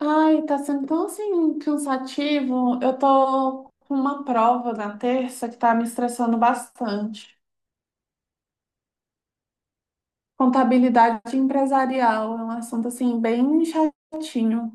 Ai, tá sendo tão assim cansativo. Eu tô com uma prova na terça que tá me estressando bastante. Contabilidade empresarial é um assunto assim bem chatinho.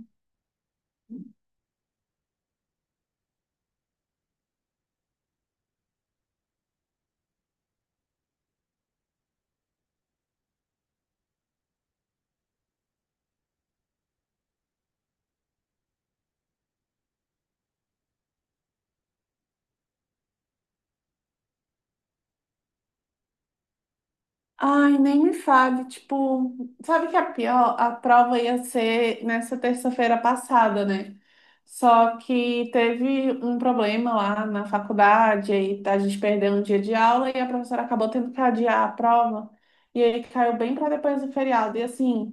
Ai, nem me fale, tipo, sabe que a pior, a prova ia ser nessa terça-feira passada, né? Só que teve um problema lá na faculdade, aí tá, a gente perdeu um dia de aula e a professora acabou tendo que adiar a prova, e aí caiu bem para depois do feriado. E assim,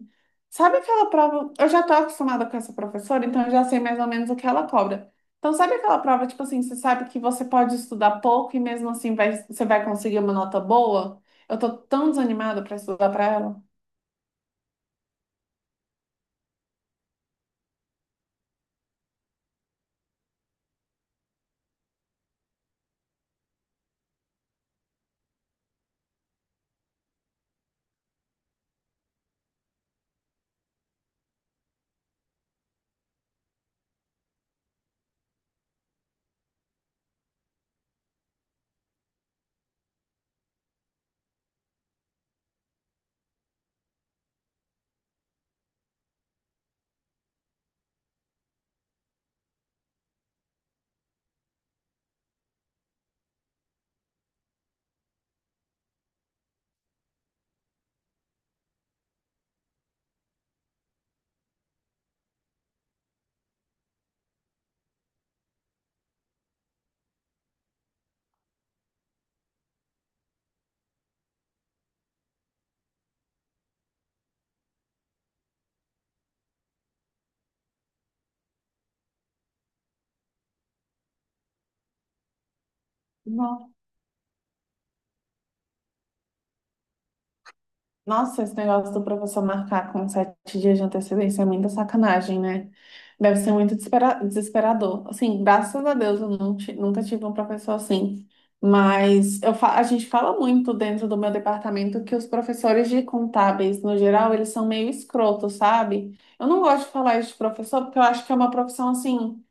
sabe aquela prova? Eu já tô acostumada com essa professora, então eu já sei mais ou menos o que ela cobra. Então, sabe aquela prova, tipo assim, você sabe que você pode estudar pouco e mesmo assim vai, você vai conseguir uma nota boa? Eu tô tão desanimada pra estudar pra ela. No- Nossa, esse negócio do professor marcar com sete dias de antecedência é muita sacanagem, né? Deve ser muito desesperador. Assim, graças a Deus eu nunca tive um professor assim. Mas a gente fala muito dentro do meu departamento que os professores de contábeis, no geral, eles são meio escrotos, sabe? Eu não gosto de falar isso de professor porque eu acho que é uma profissão assim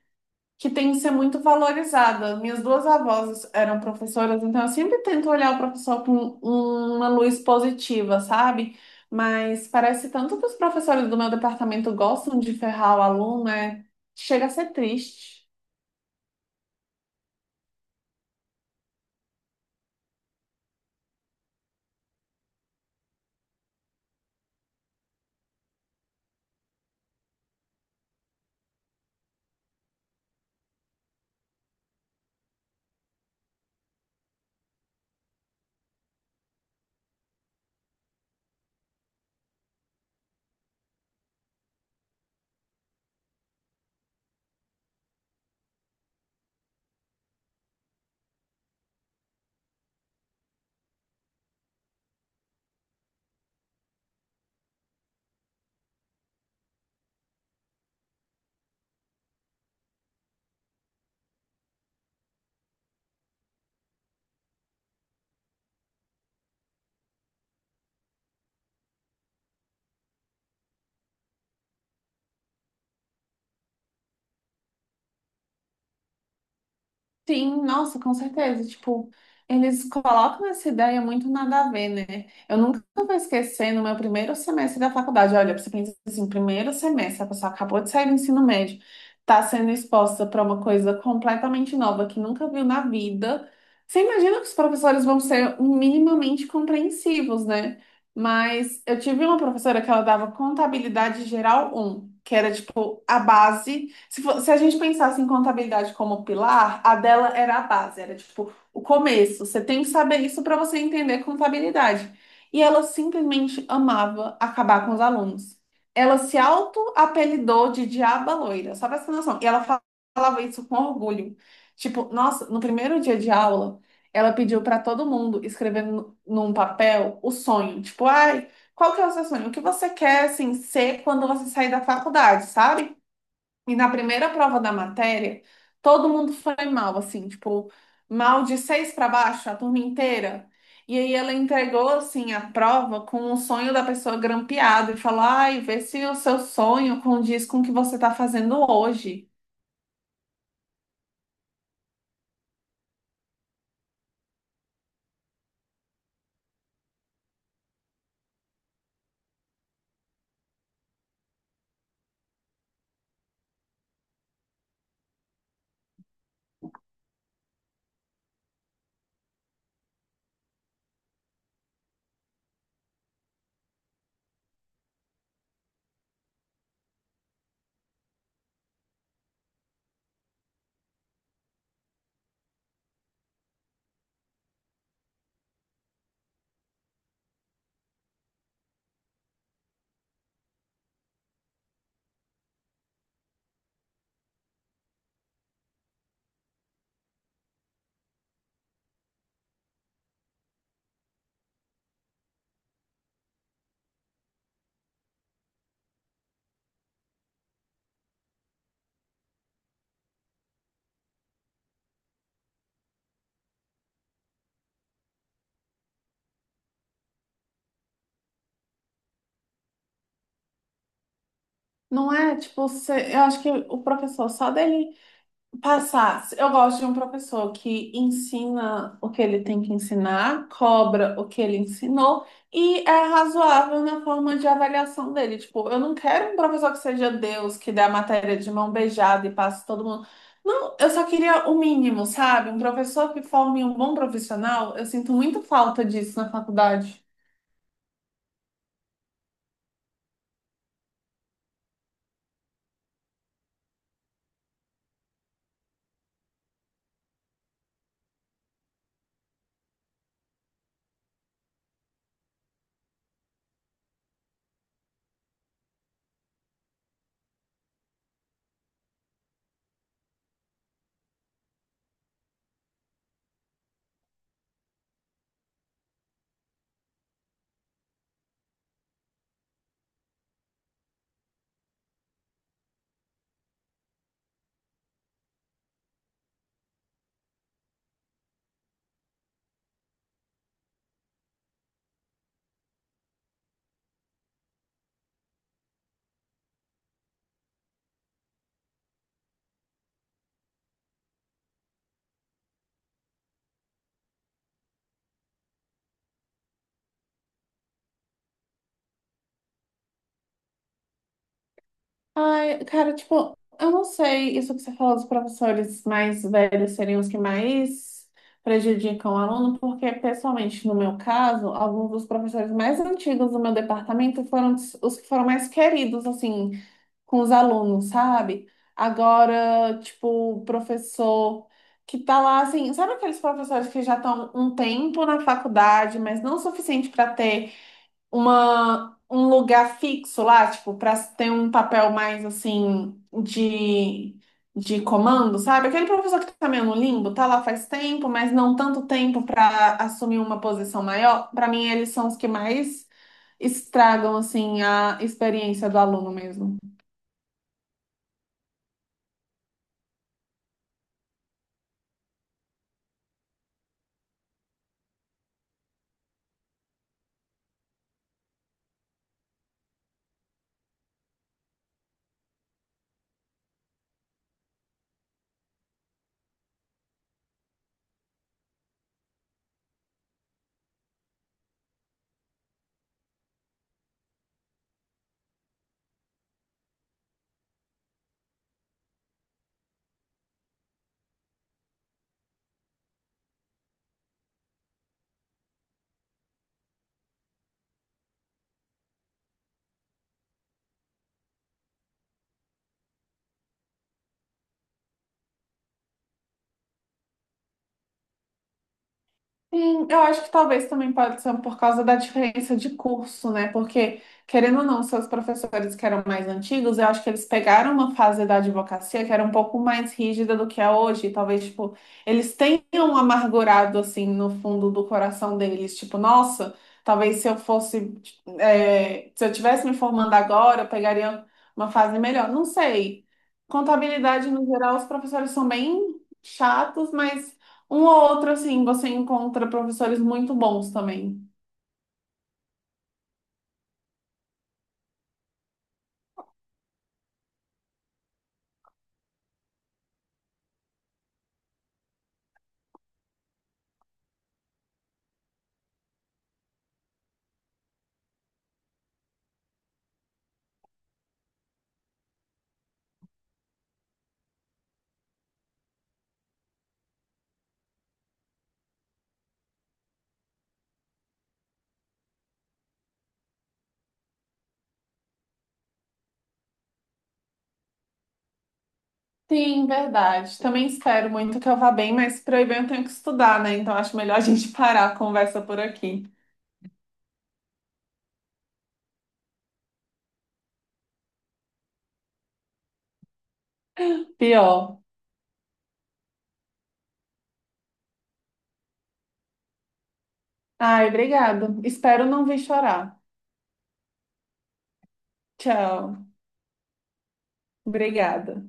que tem que ser muito valorizada. Minhas duas avós eram professoras, então eu sempre tento olhar o professor com uma luz positiva, sabe? Mas parece tanto que os professores do meu departamento gostam de ferrar o aluno, é... chega a ser triste. Sim, nossa, com certeza. Tipo, eles colocam essa ideia muito nada a ver, né? Eu nunca vou esquecer no meu primeiro semestre da faculdade. Olha, você pensa assim, primeiro semestre, a pessoa acabou de sair do ensino médio, tá sendo exposta para uma coisa completamente nova que nunca viu na vida. Você imagina que os professores vão ser minimamente compreensivos, né? Mas eu tive uma professora que ela dava contabilidade geral um que era tipo a base, se, se a gente pensasse em contabilidade como pilar, a dela era a base, era tipo o começo. Você tem que saber isso para você entender contabilidade. E ela simplesmente amava acabar com os alunos. Ela se auto-apelidou de Diaba Loira, só para essa noção. E falava isso com orgulho. Tipo, nossa, no primeiro dia de aula, ela pediu para todo mundo escrever num papel o sonho. Tipo, ai, qual que é o seu sonho? O que você quer, assim, ser quando você sair da faculdade, sabe? E na primeira prova da matéria, todo mundo foi mal, assim, tipo, mal de seis para baixo, a turma inteira. E aí ela entregou, assim, a prova com o sonho da pessoa grampeado e falou, ai, vê se o seu sonho condiz com o que você tá fazendo hoje. Não é, tipo, eu acho que o professor só dele passar. Eu gosto de um professor que ensina o que ele tem que ensinar, cobra o que ele ensinou e é razoável na forma de avaliação dele. Tipo, eu não quero um professor que seja Deus, que dê a matéria de mão beijada e passe todo mundo. Não, eu só queria o mínimo, sabe? Um professor que forme um bom profissional. Eu sinto muito falta disso na faculdade. Ai, cara, tipo, eu não sei isso que você falou dos professores mais velhos seriam os que mais prejudicam o aluno, porque, pessoalmente, no meu caso, alguns dos professores mais antigos do meu departamento foram os que foram mais queridos, assim, com os alunos, sabe? Agora, tipo, o professor que tá lá, assim, sabe aqueles professores que já estão um tempo na faculdade, mas não o suficiente para ter uma, um lugar fixo lá, tipo, para ter um papel mais assim de comando, sabe? Aquele professor que tá meio no limbo, tá lá faz tempo, mas não tanto tempo para assumir uma posição maior. Para mim, eles são os que mais estragam assim a experiência do aluno mesmo. Sim, eu acho que talvez também pode ser por causa da diferença de curso, né? Porque, querendo ou não, seus professores que eram mais antigos, eu acho que eles pegaram uma fase da advocacia que era um pouco mais rígida do que é hoje. E talvez, tipo, eles tenham amargurado, assim, no fundo do coração deles. Tipo, nossa, talvez se eu fosse, é, se eu tivesse me formando agora, eu pegaria uma fase melhor. Não sei. Contabilidade, no geral, os professores são bem chatos, mas um ou outro, assim, você encontra professores muito bons também. Sim, verdade. Também espero muito que eu vá bem, mas para eu ir bem eu tenho que estudar, né? Então acho melhor a gente parar a conversa por aqui. Pior. Ai, obrigada. Espero não vir chorar. Tchau. Obrigada.